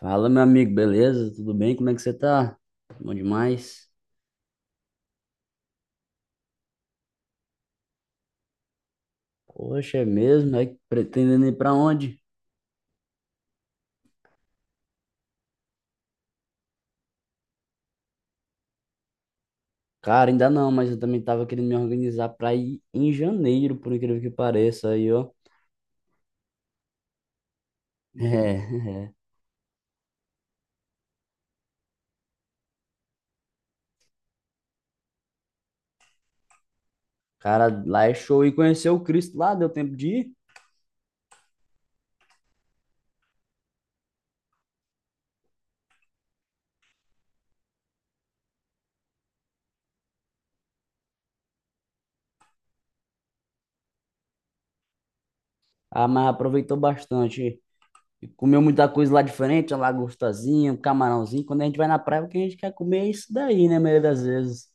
Fala, meu amigo, beleza? Tudo bem? Como é que você tá? Bom demais. Poxa, é mesmo? É pretendendo ir pra onde? Cara, ainda não, mas eu também tava querendo me organizar pra ir em janeiro, por incrível que pareça, aí, ó. É, é. Cara, lá é show. E conhecer o Cristo lá, deu tempo de ir? Ah, mas aproveitou bastante. E comeu muita coisa lá diferente, uma lagostazinha, um camarãozinho. Quando a gente vai na praia, o que a gente quer comer é isso daí, né, a maioria das vezes.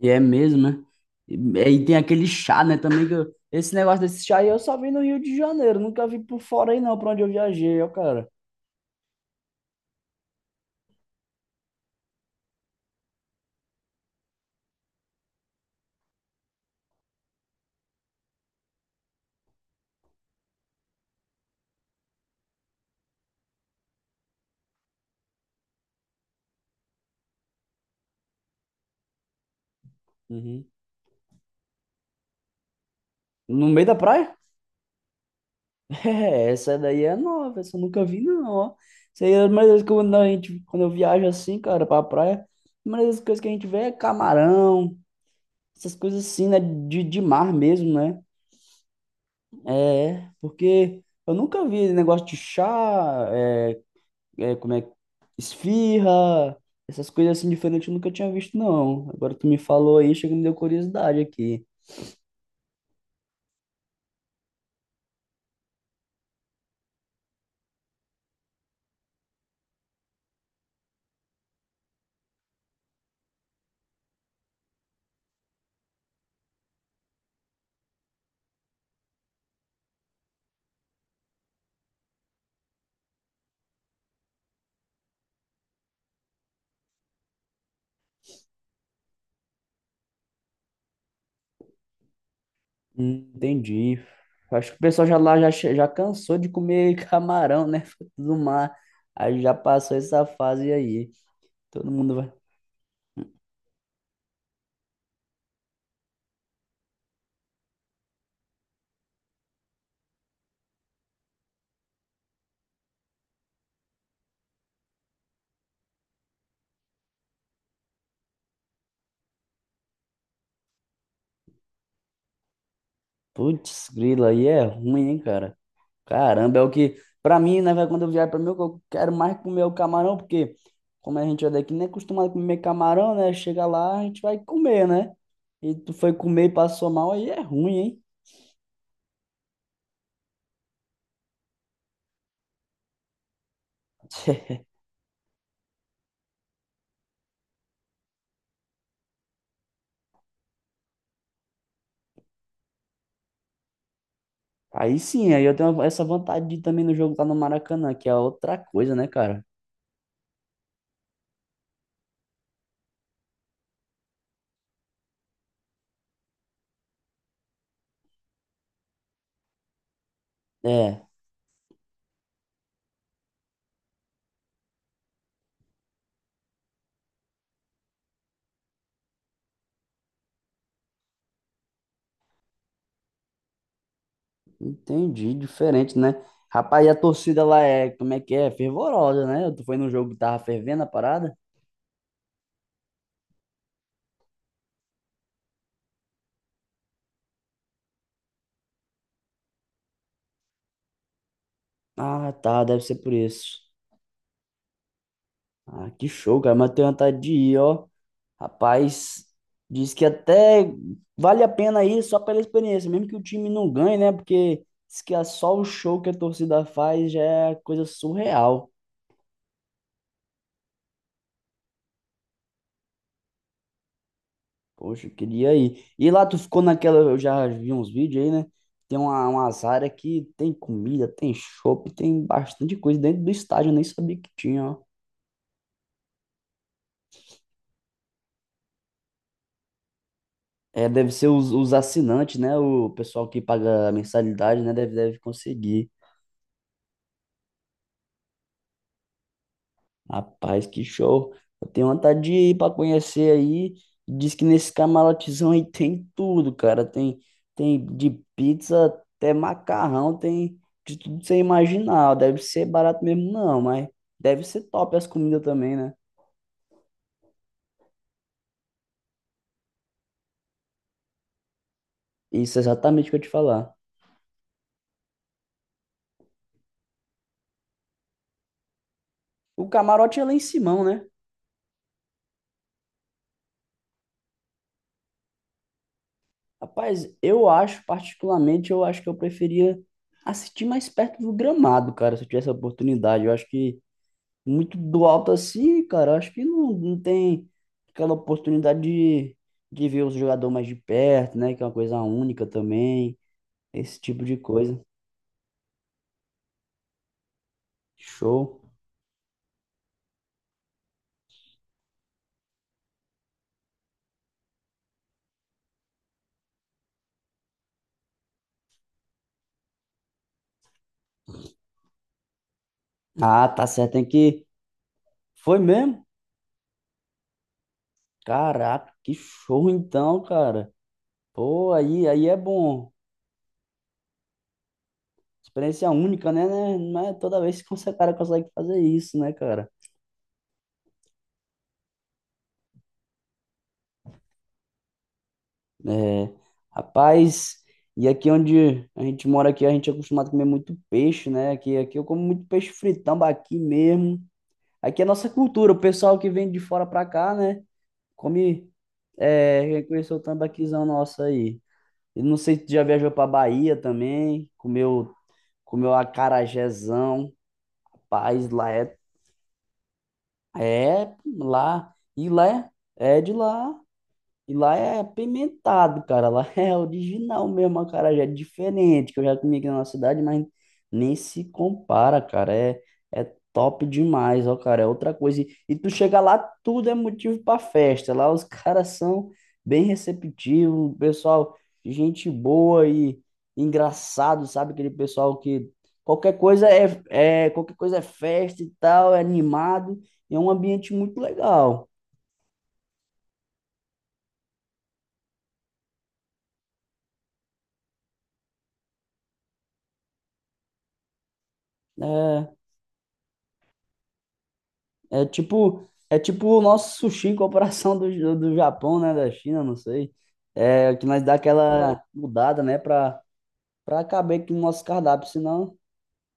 E é mesmo, né? E tem aquele chá, né? Também esse negócio desse chá aí eu só vi no Rio de Janeiro, nunca vi por fora aí não, pra onde eu viajei, ó, cara. Uhum. No meio da praia? É, essa daí é nova, essa eu nunca vi não, ó. Isso aí é a primeira vez quando a gente, quando eu viajo assim, cara, pra praia, a primeira das coisas que a gente vê é camarão, essas coisas assim, né? De mar mesmo, né? É, porque eu nunca vi negócio de chá, como é, esfirra, essas coisas assim diferentes eu nunca tinha visto, não. Agora tu me falou aí, chega e me deu curiosidade aqui. Entendi. Acho que o pessoal já lá já, já cansou de comer camarão, né? Fruto do mar. Aí já passou essa fase aí. Todo mundo vai. Putz, grilo, aí é ruim, hein, cara? Caramba, é o que, pra mim, né, velho, quando eu viajo pra mim, eu quero mais comer o camarão, porque como a gente é daqui, nem é acostumado a comer camarão, né? Chega lá, a gente vai comer, né? E tu foi comer e passou mal, aí é ruim, hein? Aí sim, aí eu tenho essa vontade de ir também no jogo lá no Maracanã, que é outra coisa, né, cara? É, entendi, diferente, né? Rapaz, e a torcida lá é, como é que é? Fervorosa, né? Tu foi num jogo que tava fervendo a parada? Ah, tá, deve ser por isso. Ah, que show, cara, mas eu tenho vontade de ir, ó. Rapaz, diz que até vale a pena ir só pela experiência, mesmo que o time não ganhe, né? Porque diz que é só o show que a torcida faz já é coisa surreal. Poxa, eu queria ir. E lá tu ficou naquela, eu já vi uns vídeos aí, né? Tem uma, umas áreas que tem comida, tem chopp, tem bastante coisa dentro do estádio, eu nem sabia que tinha, ó. É, deve ser os assinantes, né? O pessoal que paga a mensalidade, né? Deve conseguir. Rapaz, que show. Eu tenho vontade de ir para conhecer aí. Diz que nesse camarotezão aí tem tudo, cara. Tem, tem de pizza até macarrão, tem de tudo que você imaginar. Deve ser barato mesmo, não, mas deve ser top as comidas também, né? Isso, é exatamente o que eu te falar. O camarote é lá em Simão, né? Rapaz, eu acho, particularmente, eu acho que eu preferia assistir mais perto do gramado, cara, se eu tivesse a oportunidade. Eu acho que muito do alto assim, cara. Acho que não, não tem aquela oportunidade de ver os jogadores mais de perto, né? Que é uma coisa única também. Esse tipo de coisa. Show. Ah, tá certo. Tem que. Foi mesmo? Caraca, que show então, cara. Pô, aí, aí é bom. Experiência única, né, né? Não é toda vez que você, cara, consegue fazer isso, né, cara? É, rapaz, e aqui onde a gente mora aqui, a gente é acostumado a comer muito peixe, né? Aqui, aqui eu como muito peixe fritão tambaqui mesmo. Aqui é nossa cultura, o pessoal que vem de fora pra cá, né? Come, é, conheceu o tambaquizão nosso aí. E não sei se tu já viajou pra Bahia também, comeu acarajézão, rapaz, lá é, é, lá, e lá é, é de lá. E lá é apimentado, cara. Lá é original mesmo, a cara já é diferente, que eu já comi aqui na nossa cidade, mas nem se compara, cara. É, é top demais, ó, cara. É outra coisa. E tu chega lá, tudo é motivo pra festa. Lá os caras são bem receptivos, pessoal, gente boa e engraçado, sabe? Aquele pessoal que qualquer coisa é, é qualquer coisa é festa e tal, é animado. E é um ambiente muito legal. É, é tipo o nosso sushi em comparação do Japão, né? Da China, não sei. É que nós dá É, aquela mudada, né? Pra caber aqui no nosso cardápio, senão.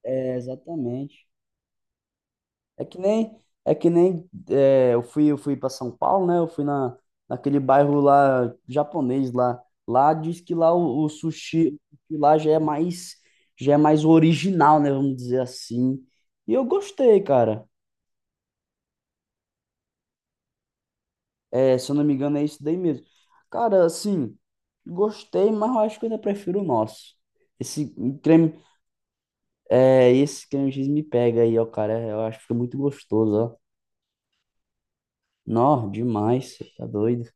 É, exatamente. É que nem, é que nem é, eu fui para São Paulo, né? Naquele bairro lá japonês lá. Lá diz que lá o sushi que lá já é mais original, né? Vamos dizer assim. E eu gostei, cara. É, se eu não me engano, é isso daí mesmo. Cara, assim, gostei, mas eu acho que eu ainda prefiro o nosso. Esse creme, é, esse creme X me pega aí, ó, cara. Eu acho que fica muito gostoso, ó. Nó, demais, cê tá doido.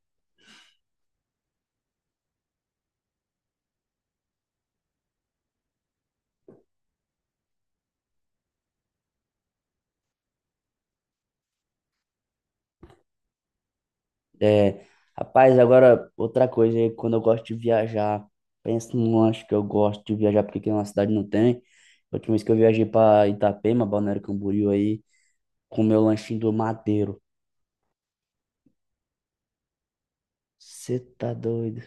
É, rapaz, agora outra coisa aí, quando eu gosto de viajar, pensa num lanche que eu gosto de viajar, porque aqui na cidade não tem. A última vez que eu viajei pra Itapema, Balneário Camboriú aí, com o meu lanchinho do Mateiro. Você tá doido?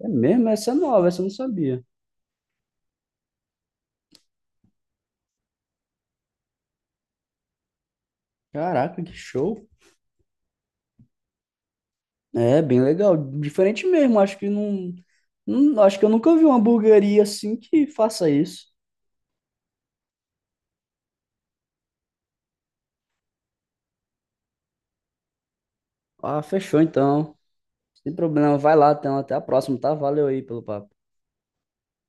É mesmo? Essa é nova, essa eu não sabia. Caraca, que show. É, bem legal. Diferente mesmo. Acho que eu nunca vi uma hamburgueria assim que faça isso. Ah, fechou então. Sem problema. Vai lá, então. Até a próxima, tá? Valeu aí pelo papo.